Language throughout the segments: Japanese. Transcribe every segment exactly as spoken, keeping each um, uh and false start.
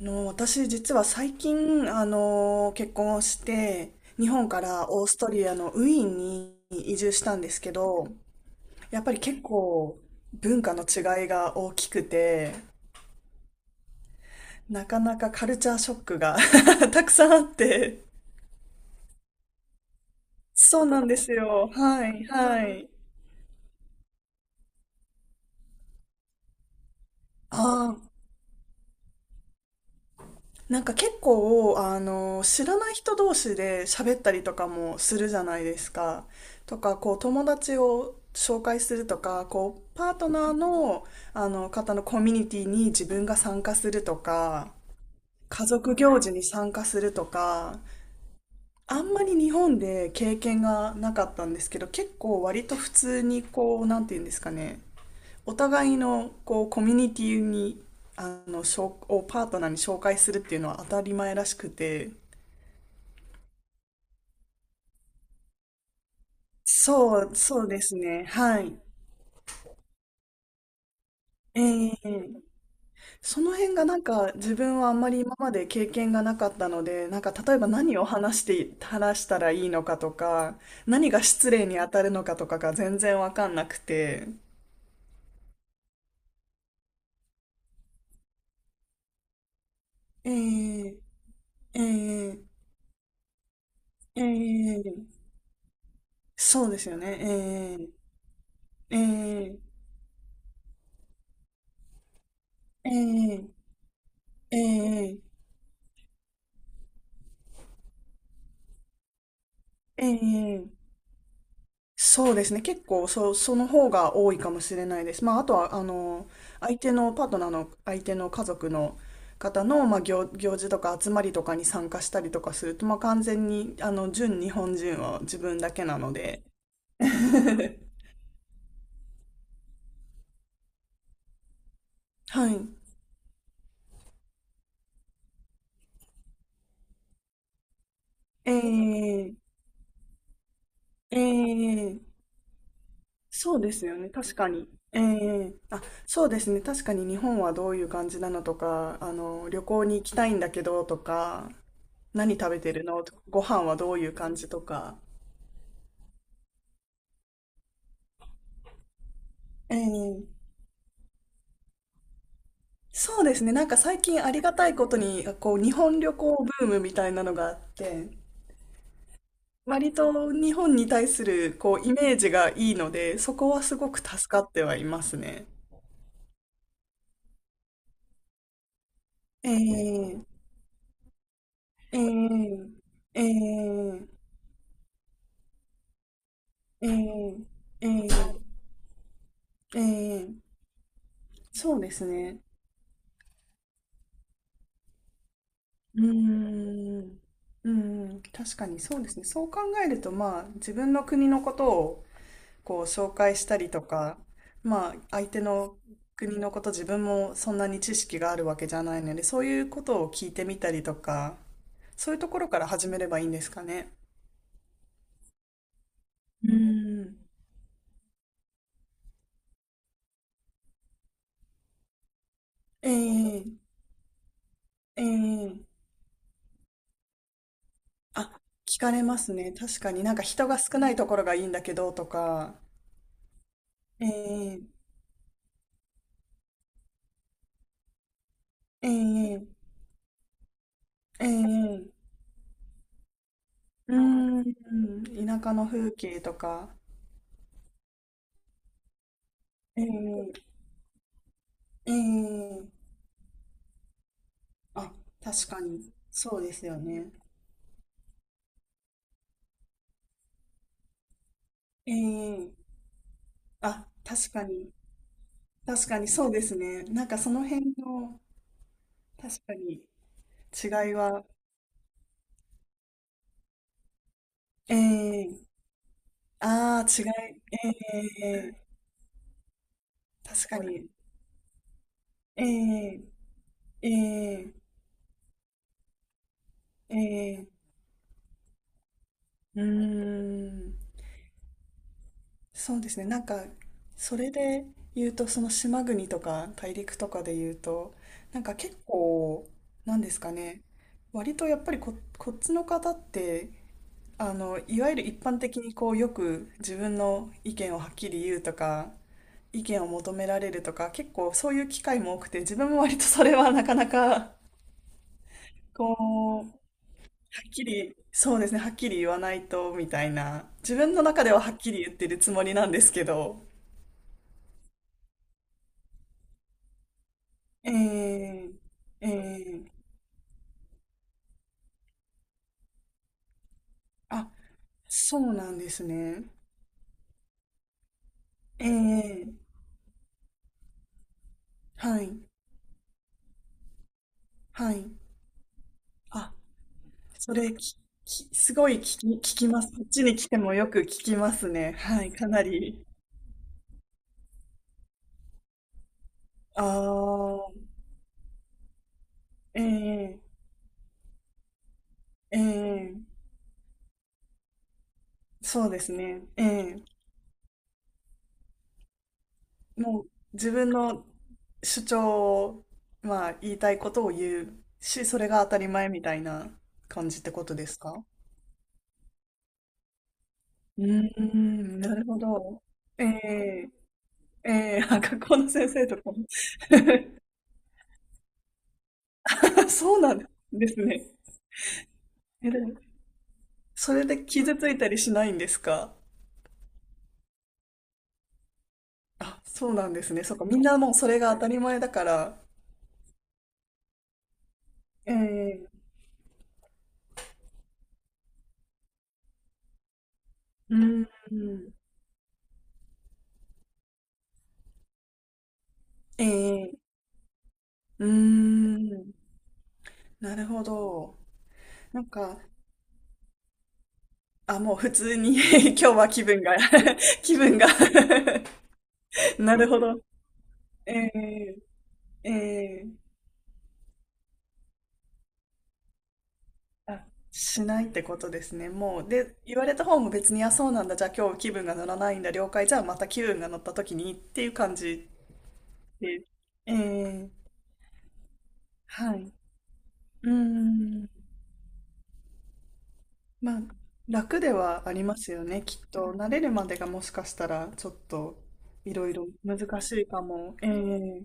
あの、私実は最近、あの、結婚をして、日本からオーストリアのウィーンに移住したんですけど、やっぱり結構文化の違いが大きくて、なかなかカルチャーショックが たくさんあって。そうなんですよ。はい、はい。ああ、なんか結構、あの、知らない人同士で喋ったりとかもするじゃないですか。とか、こう、友達を紹介するとか、こう、パートナーの、あの、方のコミュニティに自分が参加するとか、家族行事に参加するとか、あんまり日本で経験がなかったんですけど、結構割と普通にこう、なんて言うんですかね、お互いのこうコミュニティにあのしょをパートナーに紹介するっていうのは当たり前らしくて、そう、そうですね。はい。ええ。その辺がなんか自分はあんまり今まで経験がなかったので、なんか例えば何を話して話したらいいのかとか、何が失礼に当たるのかとかが全然わかんなくて。ええええええ。そうですよね。ええええええええええ、そうですね。結構、そ、その方が多いかもしれないです。まあ、あとは、あの、相手のパートナーの、相手の家族の方の、まあ、行、行事とか集まりとかに参加したりとかすると、まあ、完全に、あの、純日本人は自分だけなので。はい。ええ、ええ、そうですよね。確かに。ええ、あ、そうですね。確かに日本はどういう感じなのとか、あの、旅行に行きたいんだけどとか、何食べてるのとか、ご飯はどういう感じとか。ええ。そうですね。なんか最近ありがたいことに、こう、日本旅行ブームみたいなのがあって、割と日本に対する、こう、イメージがいいので、そこはすごく助かってはいますね。ええええええええええええ。そうですね。うーん。うーん、確かにそうですね。そう考えると、まあ、自分の国のことをこう紹介したりとか、まあ相手の国のこと自分もそんなに知識があるわけじゃないので、そういうことを聞いてみたりとか、そういうところから始めればいいんですかね。うん。ええええ。あ、聞かれますね。確かになんか人が少ないところがいいんだけどとか、ええええええ。うん、田舎の風景とか、ええええ。あ、確かに、そうですよね。ええ。あ、確かに。確かにそうですね。なんかその辺の、確かに違いは、ええ。ああー、違い、ええ。確かに、ええええええ。うーん、そうですね。なんか、それで言うと、その島国とか大陸とかで言うと、なんか結構、なんですかね。割とやっぱりこ、こっちの方ってあの、いわゆる一般的にこう、よく自分の意見をはっきり言うとか、意見を求められるとか、結構そういう機会も多くて、自分も割とそれはなかなか、こう、はっきり、そうですね、はっきり言わないと、みたいな。自分の中でははっきり言ってるつもりなんですけど。ええ。えー、あ、そうなんですね。ええ。はい、はい。あ、それ、き、き、すごい聞き、聞きます。こっちに来てもよく聞きますね。はい、かなり。ああ、ええ、ええ、そうですね。ええ、もう自分の主張を、まあ、言いたいことを言うし、それが当たり前みたいな感じってことですか。うーん、なるほど。ええ、ええ、あ、学校の先生とかも。そうなんですね。え、でもそれで傷ついたりしないんですか。あ、そうなんですね。そっか、みんなもうそれが当たり前だから。ええ。うん、ええ。うーん、なるほど。なんか、あ、もう普通に 今日は気分が 気分が なるほど。ええええ。あ、しないってことですね。もう、で、言われた方も別に、あ、そうなんだ。じゃあ今日気分が乗らないんだ。了解。じゃあまた気分が乗った時にっていう感じで。ええ。はい。うーん。まあ、楽ではありますよね、きっと。慣れるまでがもしかしたら、ちょっと、いろいろ難しいかも。ええ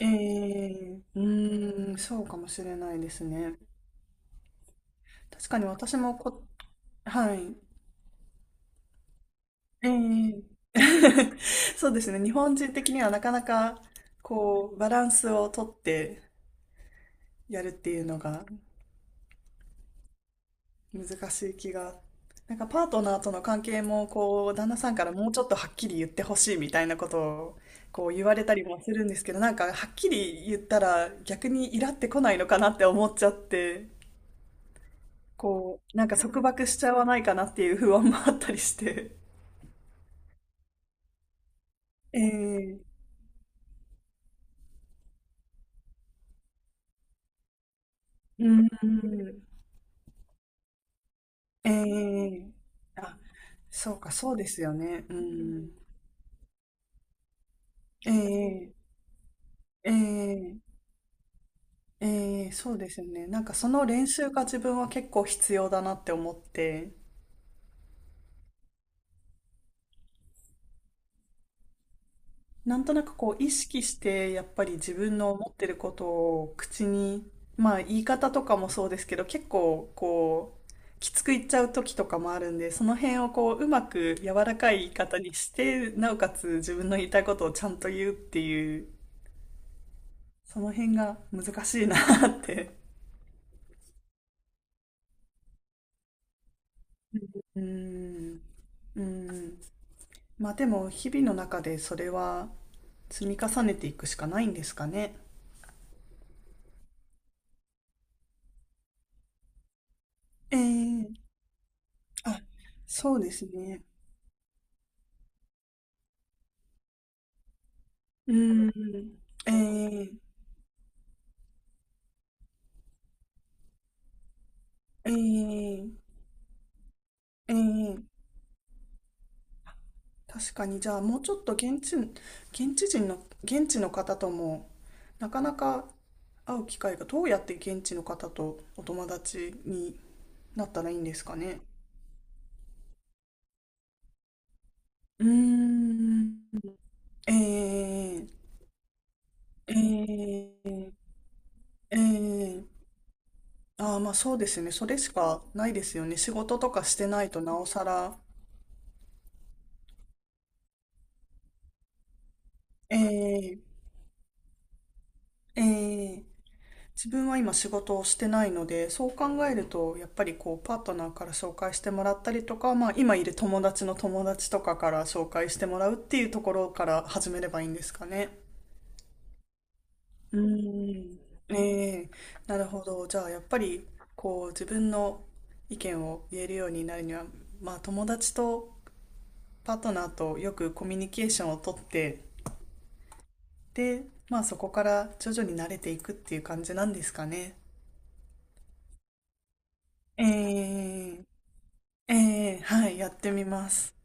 ええ。うーん、そうかもしれないですね。確かに私もこ、はい。ええ。 そうですね。日本人的にはなかなか、こう、バランスをとってやるっていうのが難しい気が。なんかパートナーとの関係も、こう、旦那さんからもうちょっとはっきり言ってほしいみたいなことを、こう言われたりもするんですけど、なんかはっきり言ったら逆にイラってこないのかなって思っちゃって、こう、なんか束縛しちゃわないかなっていう不安もあったりして。ええ。うん、ええ。あ、そうか、そうですよね。うん、ええええええ、そうですよね。なんかその練習が自分は結構必要だなって思って、なんとなくこう意識してやっぱり自分の思ってることを口に、まあ言い方とかもそうですけど、結構こうきつく言っちゃう時とかもあるんで、その辺をこううまく柔らかい言い方にして、なおかつ自分の言いたいことをちゃんと言うっていう、その辺が難しいなって。うーん。うーん。まあでも日々の中でそれは積み重ねていくしかないんですかね。ええ。あ、そうですね。うん。ええええええ。確かに、じゃあもうちょっと現地、現地人の、現地の方とも、なかなか会う機会が、どうやって現地の方とお友達になったらいいんですかね。うーん。ええええええ。ああ、まあそうですね。それしかないですよね。仕事とかしてないとなおさら。ええええ。自分は今仕事をしてないので、そう考えると、やっぱりこう、パートナーから紹介してもらったりとか、まあ今いる友達の友達とかから紹介してもらうっていうところから始めればいいんですかね。うーん。ええ。なるほど。じゃあ、やっぱり、こう、自分の意見を言えるようになるには、まあ、友達とパートナーとよくコミュニケーションをとって、で、まあそこから徐々に慣れていくっていう感じなんですかね。えー、えー、はい、やってみます。